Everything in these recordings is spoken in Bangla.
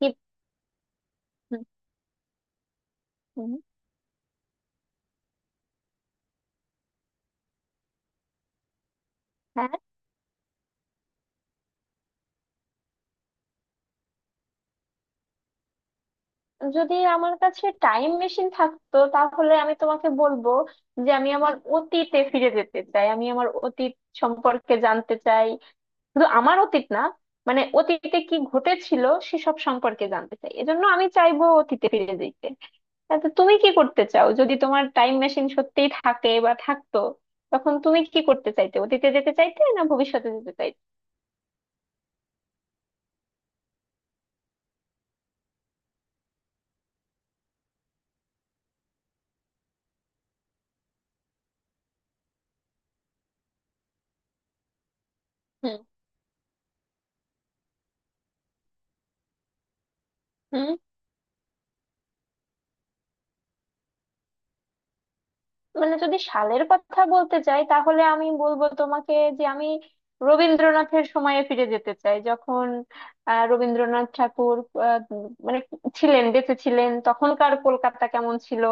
কি? হুম। হুম। হ্যাঁ। যদি আমার কাছে টাইম মেশিন থাকতো তাহলে আমি তোমাকে বলবো যে আমি আমার অতীতে ফিরে যেতে চাই, আমি আমার অতীত সম্পর্কে জানতে চাই। শুধু আমার অতীত না, মানে অতীতে কি ঘটেছিল সেসব সম্পর্কে জানতে চাই, এজন্য আমি চাইবো অতীতে ফিরে যেতে। তা তো, তুমি কি করতে চাও যদি তোমার টাইম মেশিন সত্যিই থাকে বা থাকতো? তখন তুমি কি করতে চাইতে, অতীতে যেতে চাইতে না ভবিষ্যতে যেতে চাইতে? হুম। মানে যদি সালের কথা বলতে চাই তাহলে আমি বলবো তোমাকে যে আমি রবীন্দ্রনাথের সময়ে ফিরে যেতে চাই, যখন রবীন্দ্রনাথ ঠাকুর, মানে ছিলেন, বেঁচে ছিলেন, তখনকার কলকাতা কেমন ছিল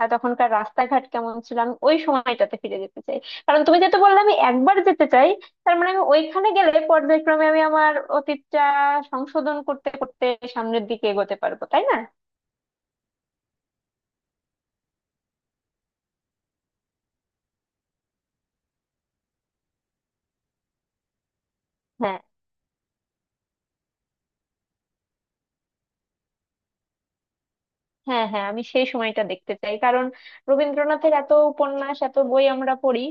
আর তখনকার রাস্তাঘাট কেমন ছিল। আমি ওই সময়টাতে ফিরে যেতে চাই। কারণ তুমি যেটা বললে আমি একবার যেতে চাই, তার মানে আমি ওইখানে গেলে পর্যায়ক্রমে আমি আমার অতীতটা সংশোধন করতে করতে সামনের দিকে এগোতে পারবো, তাই না? হ্যাঁ, হ্যাঁ। হ্যাঁ, আমি সেই সময়টা দেখতে চাই। কারণ রবীন্দ্রনাথের এত উপন্যাস, এত বই আমরা পড়ি,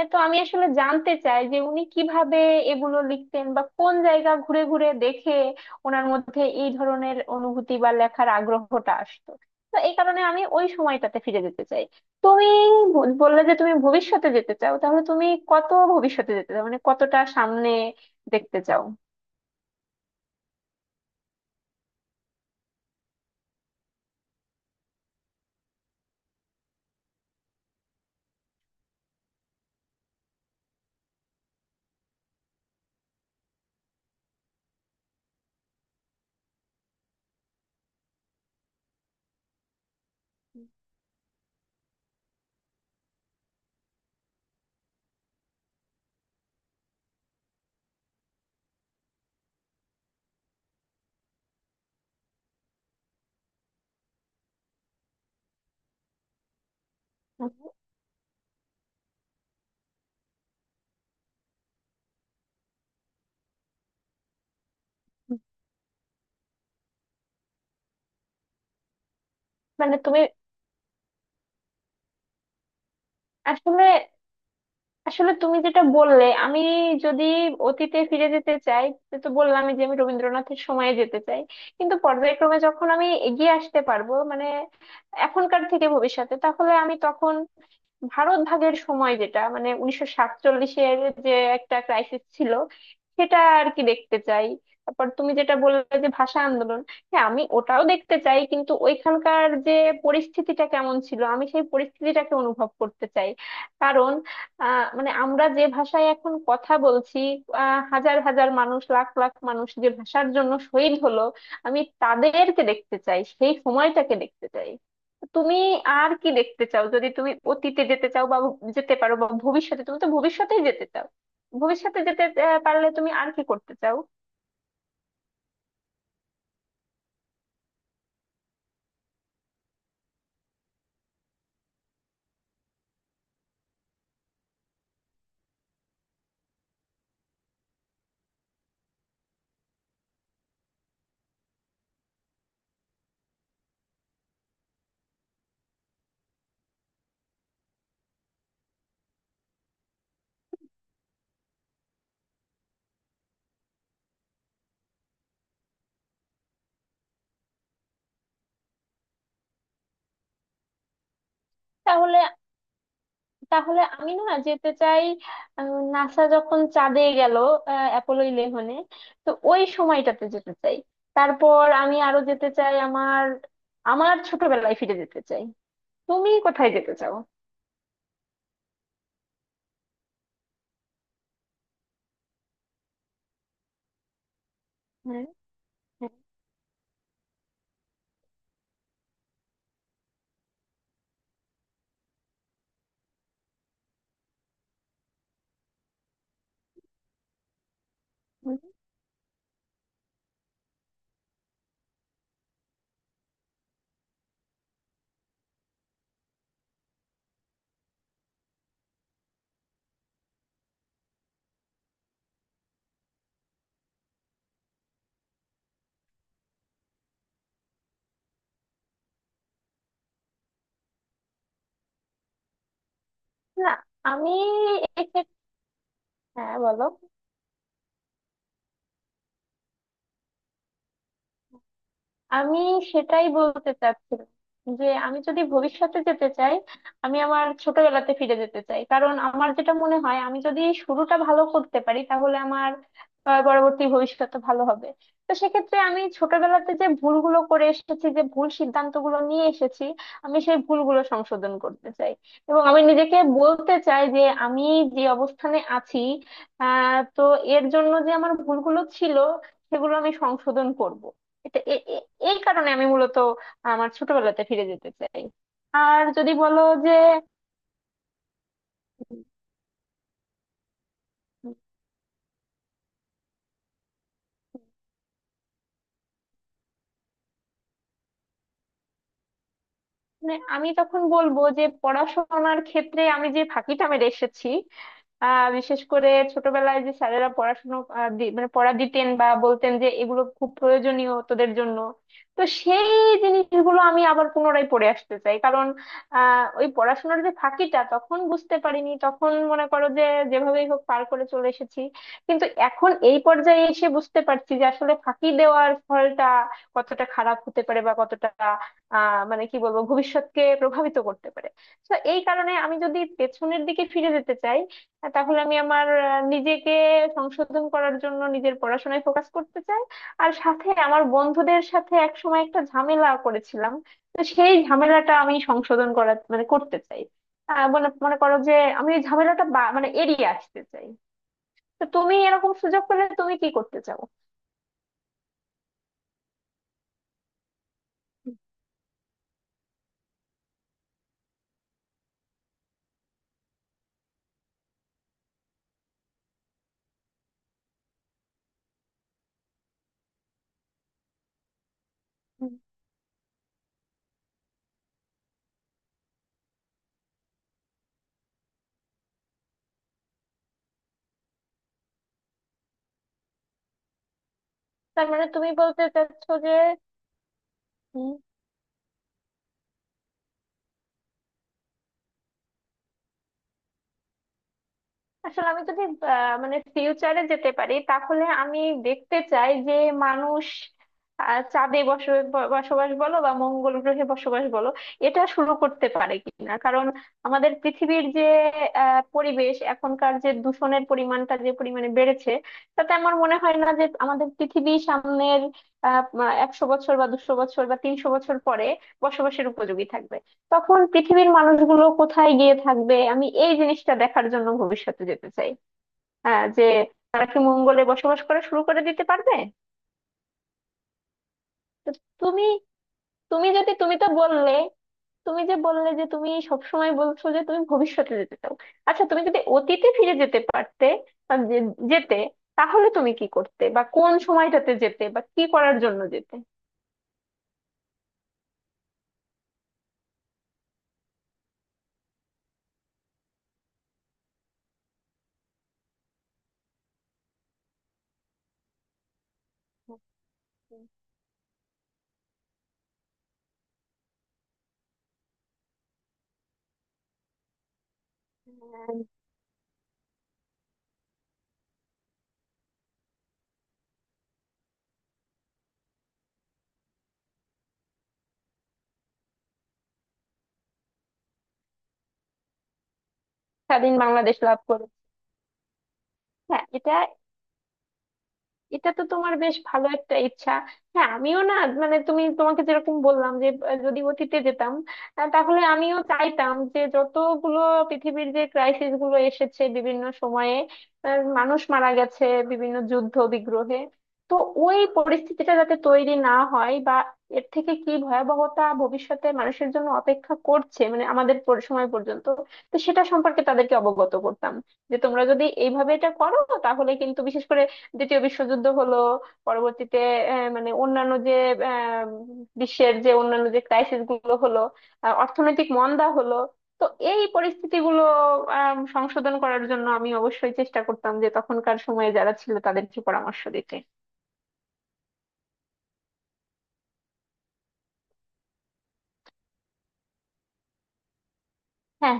এ তো আমি আসলে জানতে চাই যে উনি কিভাবে এগুলো লিখতেন বা কোন জায়গা ঘুরে ঘুরে দেখে ওনার মধ্যে এই ধরনের অনুভূতি বা লেখার আগ্রহটা আসতো। তো এই কারণে আমি ওই সময়টাতে ফিরে যেতে চাই। তুমি বললে যে তুমি ভবিষ্যতে যেতে চাও, তাহলে তুমি কত ভবিষ্যতে যেতে চাও, মানে কতটা সামনে দেখতে চাও? মানে তুমি আসলে। আসলে তুমি যেটা বললে, আমি যদি অতীতে ফিরে যেতে চাই সে তো বললামই যে আমি রবীন্দ্রনাথের সময়ে যেতে চাই। কিন্তু পর্যায়ক্রমে যখন আমি এগিয়ে আসতে পারবো, মানে এখনকার থেকে ভবিষ্যতে, তাহলে আমি তখন ভারত ভাগের সময়, যেটা মানে 1947-এর, যে একটা ক্রাইসিস ছিল সেটা আর কি দেখতে চাই। তারপর তুমি যেটা বললে যে ভাষা আন্দোলন, হ্যাঁ আমি ওটাও দেখতে চাই। কিন্তু ওইখানকার যে পরিস্থিতিটা কেমন ছিল আমি সেই পরিস্থিতিটাকে অনুভব করতে চাই। কারণ মানে আমরা যে ভাষায় এখন কথা বলছি, হাজার হাজার মানুষ, লাখ লাখ মানুষ যে ভাষার জন্য শহীদ হলো, আমি তাদেরকে দেখতে চাই, সেই সময়টাকে দেখতে চাই। তুমি আর কি দেখতে চাও, যদি তুমি অতীতে যেতে চাও বা যেতে পারো, বা ভবিষ্যতে? তুমি তো ভবিষ্যতেই যেতে চাও। ভবিষ্যতে যেতে পারলে তুমি আর কি করতে চাও? তাহলে তাহলে আমি না যেতে চাই নাসা যখন চাঁদে গেল, অ্যাপোলো 11-এ, তো ওই সময়টাতে যেতে চাই। তারপর আমি আরো যেতে চাই, আমার আমার ছোটবেলায় ফিরে যেতে চাই। তুমি কোথায় যেতে চাও? হ্যাঁ। হ্যাঁ। বলুন। না। আমি এক্ষেত্রে। হ্যাঁ, বলো। আমি সেটাই বলতে চাচ্ছিলাম যে আমি যদি ভবিষ্যতে যেতে চাই, আমি আমার ছোটবেলাতে ফিরে যেতে চাই। কারণ আমার যেটা মনে হয় আমি যদি শুরুটা ভালো করতে পারি তাহলে আমার পরবর্তী ভবিষ্যৎ ভালো হবে। তো সেক্ষেত্রে আমি ছোটবেলাতে যে ভুলগুলো করে এসেছি, যে ভুল সিদ্ধান্তগুলো নিয়ে এসেছি, আমি সেই ভুলগুলো সংশোধন করতে চাই। এবং আমি নিজেকে বলতে চাই যে আমি যে অবস্থানে আছি, তো এর জন্য যে আমার ভুলগুলো ছিল, সেগুলো আমি সংশোধন করব। এটা এ- এ- এই কারণে আমি মূলত আমার ছোটবেলাতে ফিরে যেতে চাই। আর যদি বলো যে, মানে আমি তখন বলবো যে পড়াশোনার ক্ষেত্রে আমি যে ফাঁকিটা মেরে এসেছি, বিশেষ করে ছোটবেলায় যে স্যারেরা পড়াশোনা মানে পড়া দিতেন বা বলতেন যে এগুলো খুব প্রয়োজনীয় তোদের জন্য, তো সেই জিনিসগুলো আমি আবার পুনরায় পড়ে আসতে চাই। কারণ ওই পড়াশোনার যে ফাঁকিটা তখন বুঝতে পারিনি, তখন মনে করো যে যেভাবেই হোক পার করে চলে এসেছি। কিন্তু এখন এই পর্যায়ে এসে বুঝতে পারছি যে আসলে ফাঁকি দেওয়ার ফলটা কতটা খারাপ হতে পারে বা কতটা, মানে কি বলবো, ভবিষ্যৎকে প্রভাবিত করতে পারে। তো এই কারণে আমি যদি পেছনের দিকে ফিরে যেতে চাই, তাহলে আমি আমার নিজেকে সংশোধন করার জন্য নিজের পড়াশোনায় ফোকাস করতে চাই। আর সাথে আমার বন্ধুদের সাথে একসময় একটা ঝামেলা করেছিলাম, তো সেই ঝামেলাটা আমি সংশোধন করার মানে করতে চাই। মনে মনে করো যে আমি এই ঝামেলাটা মানে এড়িয়ে আসতে চাই। তো তুমি এরকম সুযোগ পেলে তুমি কি করতে চাও? হুম। তার মানে তুমি বলতে চাচ্ছো যে। আসলে আমি যদি মানে ফিউচারে যেতে পারি তাহলে আমি দেখতে চাই যে মানুষ, চাঁদে বসবাস বলো বা মঙ্গল গ্রহে বসবাস বলো, এটা শুরু করতে পারে কিনা। কারণ আমাদের পৃথিবীর যে পরিবেশ, এখনকার যে দূষণের পরিমাণটা যে পরিমাণে বেড়েছে, তাতে আমার মনে হয় না যে আমাদের পৃথিবী সামনের আহ 100 বছর বা 200 বছর বা 300 বছর পরে বসবাসের উপযোগী থাকবে। তখন পৃথিবীর মানুষগুলো কোথায় গিয়ে থাকবে, আমি এই জিনিসটা দেখার জন্য ভবিষ্যতে যেতে চাই। হ্যাঁ, যে তারা কি মঙ্গলে বসবাস করা শুরু করে দিতে পারবে। তো তুমি, তুমি যদি তুমি তো বললে তুমি যে বললে যে তুমি সবসময় বলছো যে তুমি ভবিষ্যতে যেতে চাও। আচ্ছা তুমি যদি অতীতে ফিরে যেতে পারতে বা যেতে, তাহলে তুমি কি করতে বা কোন সময়টাতে যেতে বা কি করার জন্য যেতে? আচ্ছা। হ্যাঁ। স্বাধীন বাংলাদেশ লাভ করে। হ্যাঁ। এটা এটা তো তোমার বেশ ভালো একটা ইচ্ছা। হ্যাঁ, আমিও না, মানে তুমি তোমাকে যেরকম বললাম যে যদি অতীতে যেতাম, তাহলে আমিও চাইতাম যে যতগুলো পৃথিবীর যে ক্রাইসিস গুলো এসেছে বিভিন্ন সময়ে, মানুষ মারা গেছে বিভিন্ন যুদ্ধ বিগ্রহে, তো ওই পরিস্থিতিটা যাতে তৈরি না হয় বা এর থেকে কি ভয়াবহতা ভবিষ্যতে মানুষের জন্য অপেক্ষা করছে মানে আমাদের সময় পর্যন্ত, তো সেটা সম্পর্কে তাদেরকে অবগত করতাম যে তোমরা যদি এইভাবে এটা করো, তাহলে কিন্তু বিশেষ করে দ্বিতীয় বিশ্বযুদ্ধ হলো, পরবর্তীতে মানে অন্যান্য যে আহ, বিশ্বের যে অন্যান্য যে ক্রাইসিস গুলো হলো, অর্থনৈতিক মন্দা হলো, তো এই পরিস্থিতিগুলো সংশোধন করার জন্য আমি অবশ্যই চেষ্টা করতাম যে তখনকার সময়ে যারা ছিল তাদেরকে পরামর্শ দিতে। হ্যাঁ।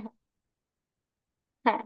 হ্যাঁ।